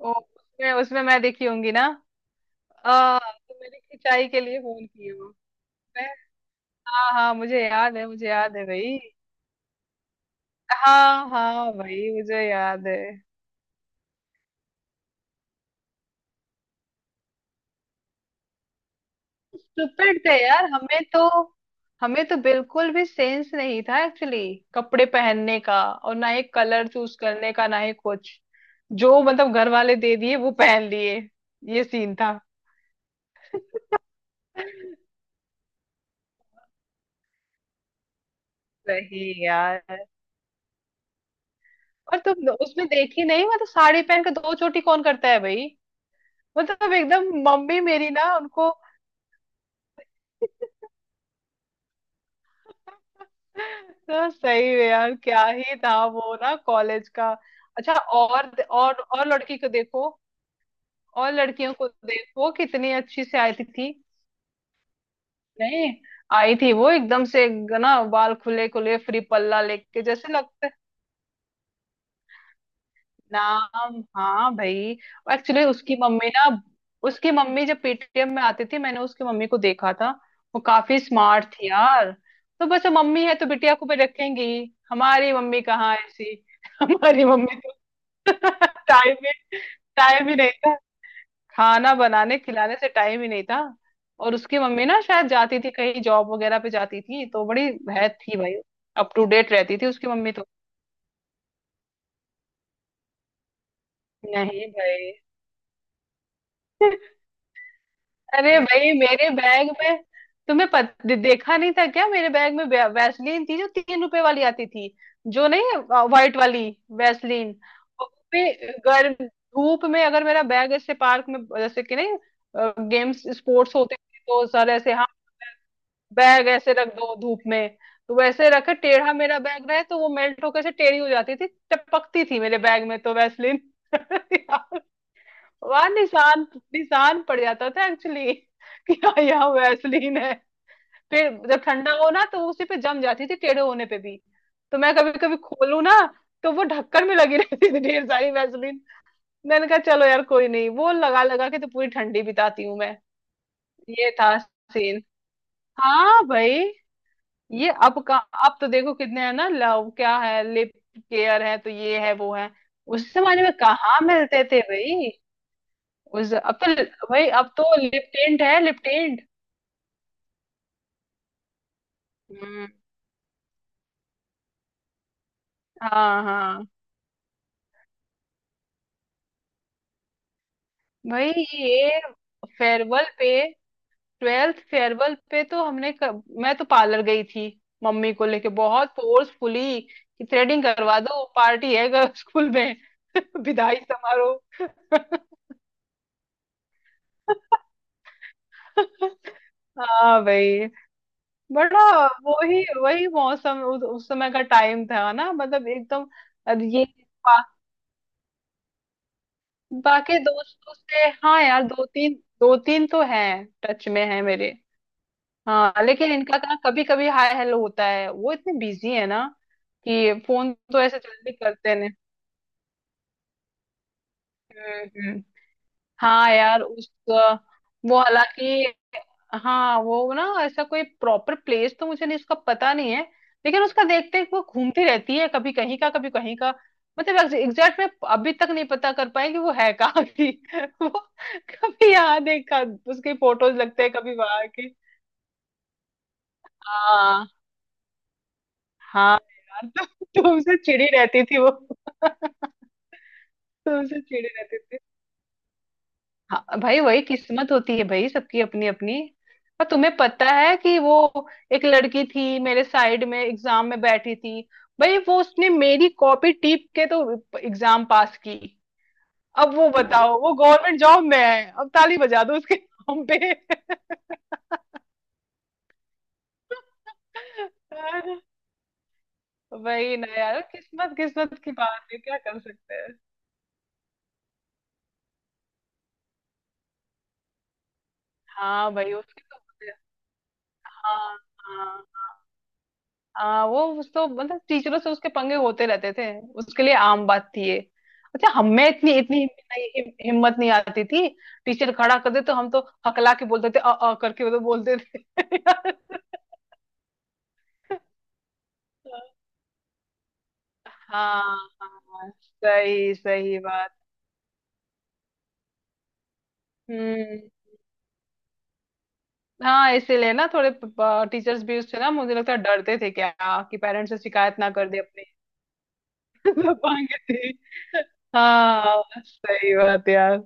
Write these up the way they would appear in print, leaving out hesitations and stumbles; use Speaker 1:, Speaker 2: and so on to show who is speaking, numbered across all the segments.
Speaker 1: ओ उसमें उसमें मैं दिखी होंगी ना। तो मैंने खिंचाई के लिए फोन किया हो मैं। हाँ हाँ मुझे याद है, मुझे याद है भाई। हाँ हाँ भाई मुझे याद है। स्टूपिड थे यार, हमें तो बिल्कुल भी सेंस नहीं था एक्चुअली। कपड़े पहनने का और ना ही कलर चूज करने का ना ही कुछ। जो मतलब घर वाले दे दिए वो पहन लिए। ये सीन था। सही यार। और तुम उसमें देखी नहीं, मतलब साड़ी पहन के दो चोटी कौन करता है भाई? मतलब एकदम मम्मी मेरी ना, उनको। तो सही है यार, क्या ही था वो ना कॉलेज का। अच्छा और लड़की को देखो। और लड़कियों को देखो कितनी अच्छी से आई थी। नहीं। आई थी वो एकदम से। ना बाल खुले खुले फ्री पल्ला लेके जैसे लगता। नाम हाँ भाई। एक्चुअली उसकी मम्मी ना, उसकी मम्मी जब पेटीएम में आती थी, मैंने उसकी मम्मी को देखा था। वो काफी स्मार्ट थी यार। तो बस वो मम्मी है तो बिटिया को भी रखेंगी। हमारी मम्मी कहाँ ऐसी। हमारी मम्मी तो, टाइम ही, टाइम ही नहीं था। खाना बनाने खिलाने से टाइम ही नहीं था। और उसकी मम्मी ना शायद जाती थी कहीं, जॉब वगैरह पे जाती थी तो बड़ी है थी भाई। अप टू डेट रहती थी उसकी मम्मी तो। नहीं भाई। अरे भाई मेरे बैग में, देखा नहीं था क्या, मेरे बैग में वैसलीन थी जो 3 रुपए वाली आती थी। जो नहीं, व्हाइट वाली वैसलीन। वो भी, गर्म धूप में अगर मेरा बैग ऐसे पार्क में जैसे कि नहीं, गेम्स स्पोर्ट्स होते थे तो सर ऐसे हाँ, बैग ऐसे रख दो धूप में, तो वैसे रखे टेढ़ा मेरा बैग रहे तो वो मेल्ट होकर से टेढ़ी हो जाती थी। टपकती थी मेरे बैग में तो वैसलीन। वहां निशान, निशान पड़ जाता था एक्चुअली, कि हाँ यहाँ वैसलीन है। फिर जब ठंडा हो ना तो उसी पे जम जाती थी टेढ़े होने पे भी। तो मैं कभी कभी खोलू ना तो वो ढक्कन में लगी रहती थी ढेर सारी वैसलीन। मैंने कहा चलो यार कोई नहीं, वो लगा लगा के तो पूरी ठंडी बिताती हूँ मैं। ये था सीन। हाँ भाई, ये अब का। अब तो देखो कितने है ना, लव क्या है, लिप केयर है, तो ये है वो है। उस जमाने में कहाँ मिलते थे भाई। उस अब तो, भाई अब तो लिप टिंट है, लिप टिंट। हम्म। हाँ हाँ भाई, ये फेयरवेल पे, 12th फेयरवेल पे तो मैं तो पार्लर गई थी, मम्मी को लेके बहुत फोर्सफुली कि थ्रेडिंग करवा दो, पार्टी है गर्ल्स स्कूल में। विदाई समारोह। हाँ भाई, बड़ा वही वही मौसम उस समय का, टाइम था ना मतलब एकदम। अब ये, बाकी दोस्तों से हाँ यार, दो तीन, दो तीन तो हैं टच में है मेरे। हाँ लेकिन इनका ना कभी कभी हाय हेलो होता है, वो इतने बिजी है ना कि फोन तो ऐसे जल्दी करते नहीं। हम्म हम्म। हाँ यार उस, वो हालांकि, हाँ वो ना ऐसा कोई प्रॉपर प्लेस तो मुझे नहीं, इसका पता नहीं है। लेकिन उसका देखते हैं कि वो घूमती रहती है कभी कहीं का कभी कहीं का, मतलब एग्जैक्ट में अभी तक नहीं पता कर पाए कि वो है कहाँ की। वो कभी यहाँ देखा, उसकी फोटोज लगते हैं कभी वहां की। हाँ, हाँ यार तुम, तुमसे चिड़ी रहती थी वो, तुमसे चिड़ी रहती थी। हाँ भाई, वही किस्मत होती है भाई सबकी अपनी अपनी। और तुम्हें पता है कि वो, एक लड़की थी मेरे साइड में एग्जाम में बैठी थी, भाई वो उसने मेरी कॉपी टीप के तो एग्जाम पास की। अब वो बताओ, वो गवर्नमेंट जॉब में है, अब ताली बजा दो उसके नाम पे। वही ना यार, किस्मत किस्मत की बात है, क्या कर सकते हैं। हाँ भाई उसकी तो, हाँ हाँ, वो उस तो मतलब टीचरों से उसके पंगे होते रहते थे, उसके लिए आम बात थी ये। अच्छा हमें इतनी इतनी हिम्मत नहीं आती थी। टीचर खड़ा कर दे तो हम तो हकला के बोलते थे, अ अ करके वो तो बोलते थे। हाँ हाँ सही सही बात। हम्म। हाँ इसीलिए ना, थोड़े टीचर्स भी उससे ना मुझे लगता है डरते थे क्या, कि पेरेंट्स से शिकायत ना कर दे अपने। पाएंगे थे। हाँ सही बात यार,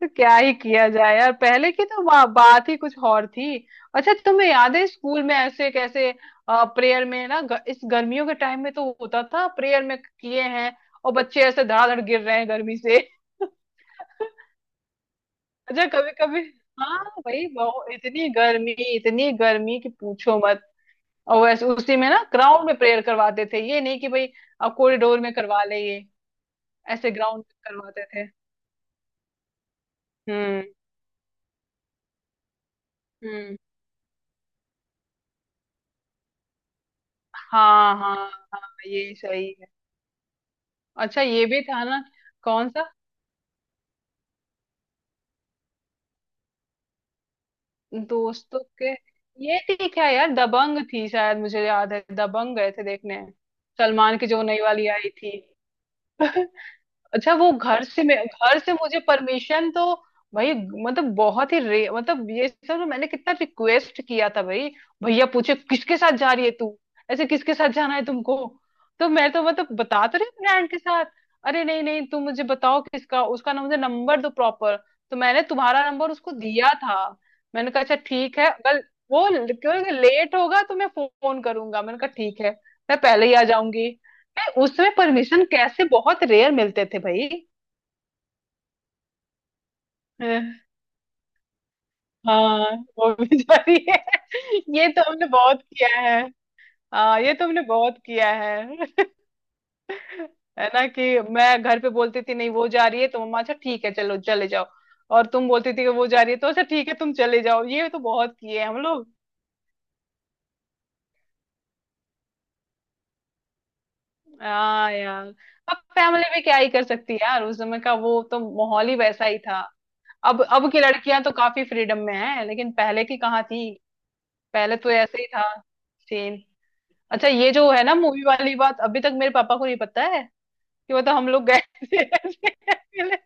Speaker 1: तो क्या ही किया जाए यार, पहले की तो बात ही कुछ और थी। अच्छा तुम्हें याद है स्कूल में ऐसे कैसे, प्रेयर में ना इस गर्मियों के टाइम में तो होता था प्रेयर में किए हैं, और बच्चे ऐसे धड़ाधड़ गिर रहे हैं गर्मी से। अच्छा कभी कभी, हाँ भाई बहुत, इतनी गर्मी कि पूछो मत। और वैसे उसी में ना ग्राउंड में प्रेयर करवाते थे, ये नहीं कि भाई अब कॉरिडोर में करवा ले ये, ऐसे ग्राउंड में करवाते थे। हम्म हम्म। हाँ हाँ हाँ, ये सही। अच्छा ये भी था ना, कौन सा, दोस्तों के, ये थी क्या यार, दबंग थी शायद, मुझे याद है, दबंग गए थे देखने, सलमान की जो नई वाली आई थी। अच्छा वो, घर से मुझे परमिशन तो, भाई मतलब बहुत ही रे, मतलब ये सब ना मैंने कितना रिक्वेस्ट किया था भाई। भैया पूछे किसके साथ जा रही है तू, ऐसे किसके साथ जाना है तुमको? तो मैं तो मतलब बता तो रही हूँ फ्रेंड के साथ। अरे नहीं नहीं तुम मुझे बताओ किसका, उसका ना मुझे नंबर दो प्रॉपर। तो मैंने तुम्हारा नंबर उसको दिया था। मैंने कहा अच्छा ठीक है, अगर वो लेट होगा तो मैं फोन करूंगा, मैंने कहा ठीक है, मैं पहले ही आ जाऊंगी। नहीं, उसमें परमिशन कैसे, बहुत रेयर मिलते थे भाई। हाँ वो भी सही है। ये तो हमने बहुत किया है। हाँ ये तो हमने बहुत किया है। है ना कि मैं घर पे बोलती थी नहीं वो जा रही है तो, मम्मा अच्छा ठीक है चलो चले जाओ। और तुम बोलती थी कि वो जा रही है तो अच्छा ठीक है तुम चले जाओ। ये तो बहुत किए हैं हम लोग। हाँ यार, अब फैमिली भी क्या ही कर सकती है यार, उस समय का वो तो माहौल ही वैसा ही था। अब की लड़कियां तो काफी फ्रीडम में है, लेकिन पहले की कहाँ थी। पहले तो ऐसे ही था, सेम। अच्छा ये जो है ना मूवी वाली बात, अभी तक मेरे पापा को नहीं पता है कि वो तो हम लोग गए थे ऐसे मिले।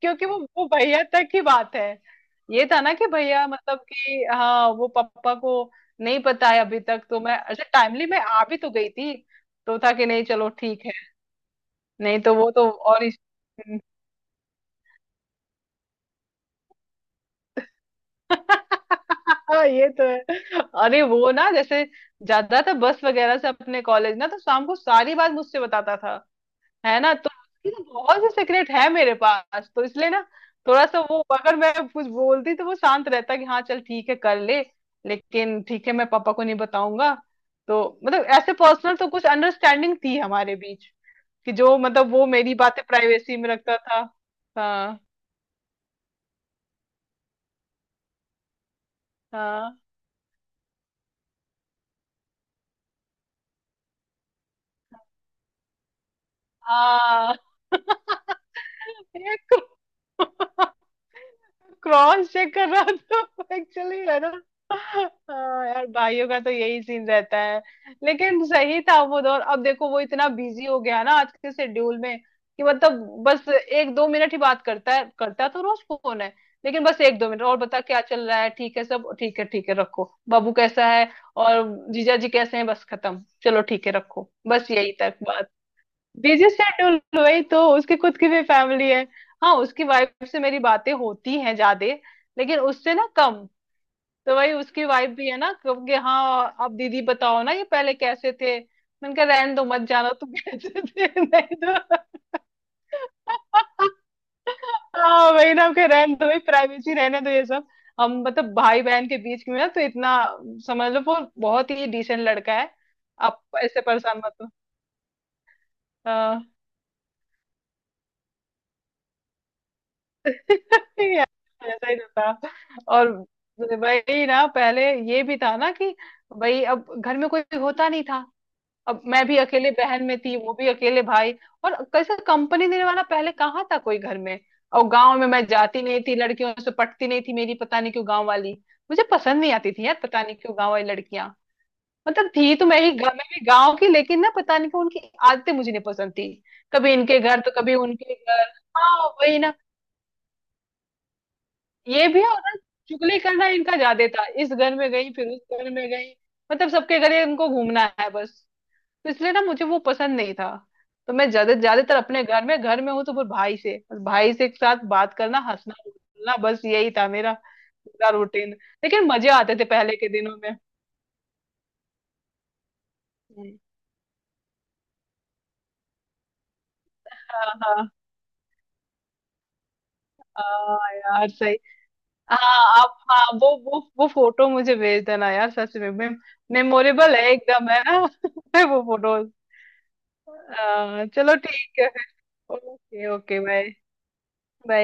Speaker 1: क्योंकि वो भैया तक की बात है, ये था ना कि भैया मतलब कि हाँ, वो पापा को नहीं पता है अभी तक। तो मैं अच्छा टाइमली मैं आ भी तो गई थी तो था कि नहीं चलो ठीक है। नहीं तो वो तो और इस। हाँ, ये तो है। अरे वो ना, जैसे जाता था बस वगैरह से अपने कॉलेज ना, तो शाम को सारी बात मुझसे बताता था है ना, तो उसकी तो बहुत से सीक्रेट है मेरे पास, तो इसलिए ना थोड़ा सा वो, अगर मैं कुछ बोलती तो वो शांत रहता, कि हाँ चल ठीक है कर ले, लेकिन ठीक है मैं पापा को नहीं बताऊंगा। तो मतलब ऐसे पर्सनल तो कुछ अंडरस्टैंडिंग थी हमारे बीच, कि जो मतलब वो मेरी बातें प्राइवेसी में रखता था। हाँ हाँ हाँ, ये क्रॉस चेक कर रहा था एक्चुअली, है ना। हाँ यार, भाइयों का तो यही सीन रहता है। लेकिन सही था वो दौर, अब देखो वो इतना बिजी हो गया ना आज के शेड्यूल में कि मतलब बस एक दो मिनट ही बात करता है, करता तो रोज फोन है, लेकिन बस एक दो मिनट, और बता क्या चल रहा है, ठीक है, सब ठीक है, ठीक है रखो, बाबू कैसा है और जीजा जी कैसे हैं, बस खत्म, चलो ठीक है रखो, बस यही तक। बिजी शेड्यूल, वही तो उसके खुद की भी फैमिली है। हाँ उसकी वाइफ से मेरी बातें होती हैं ज्यादा, लेकिन उससे ना कम। तो वही उसकी वाइफ भी है ना कब कि हाँ, अब दीदी बताओ ना ये पहले कैसे थे, मैंने कहा रहने दो, मत जाना तुम कैसे थे, नहीं तो। हाँ वही ना के रहने दो, प्राइवेसी रहने दो ये सब। हम मतलब भाई बहन के बीच में ना तो इतना, समझ लो वो बहुत ही डिसेंट लड़का है, आप ऐसे परेशान मत हो। हाँ। यार ऐसा ही तो था। और भाई ना पहले, ये भी था ना कि भाई अब घर में कोई होता नहीं था, अब मैं भी अकेले बहन में थी वो भी अकेले भाई, और कैसे कंपनी देने वाला पहले कहाँ था कोई घर में। और गांव में मैं जाती नहीं थी, लड़कियों से पटती नहीं थी मेरी, पता नहीं क्यों गांव वाली मुझे पसंद नहीं आती थी यार, पता नहीं क्यों गांव वाली लड़कियां, मतलब थी तो मैं ही, मैं भी गांव की, लेकिन ना पता नहीं क्यों उनकी आदतें मुझे नहीं पसंद थी। कभी इनके घर तो कभी उनके घर, हाँ वही ना, ये भी है और ना, चुगली करना इनका ज्यादा था, इस घर में गई फिर उस घर में गई, मतलब सबके घर ये इनको घूमना है बस। तो इसलिए ना मुझे वो पसंद नहीं था, तो मैं ज्यादातर अपने घर में हूँ, तो फिर भाई से, बस भाई से के साथ बात करना हंसना बोलना, बस यही था मेरा पूरा रूटीन। लेकिन मजे आते थे पहले के दिनों में। हम्म। हाँ हाँ। हाँ यार सही। हाँ, आप हाँ, वो फोटो मुझे भेज देना यार सच में, मेमोरेबल है एकदम, है ना, वो फोटो। चलो ठीक है। Okay, okay bye, bye.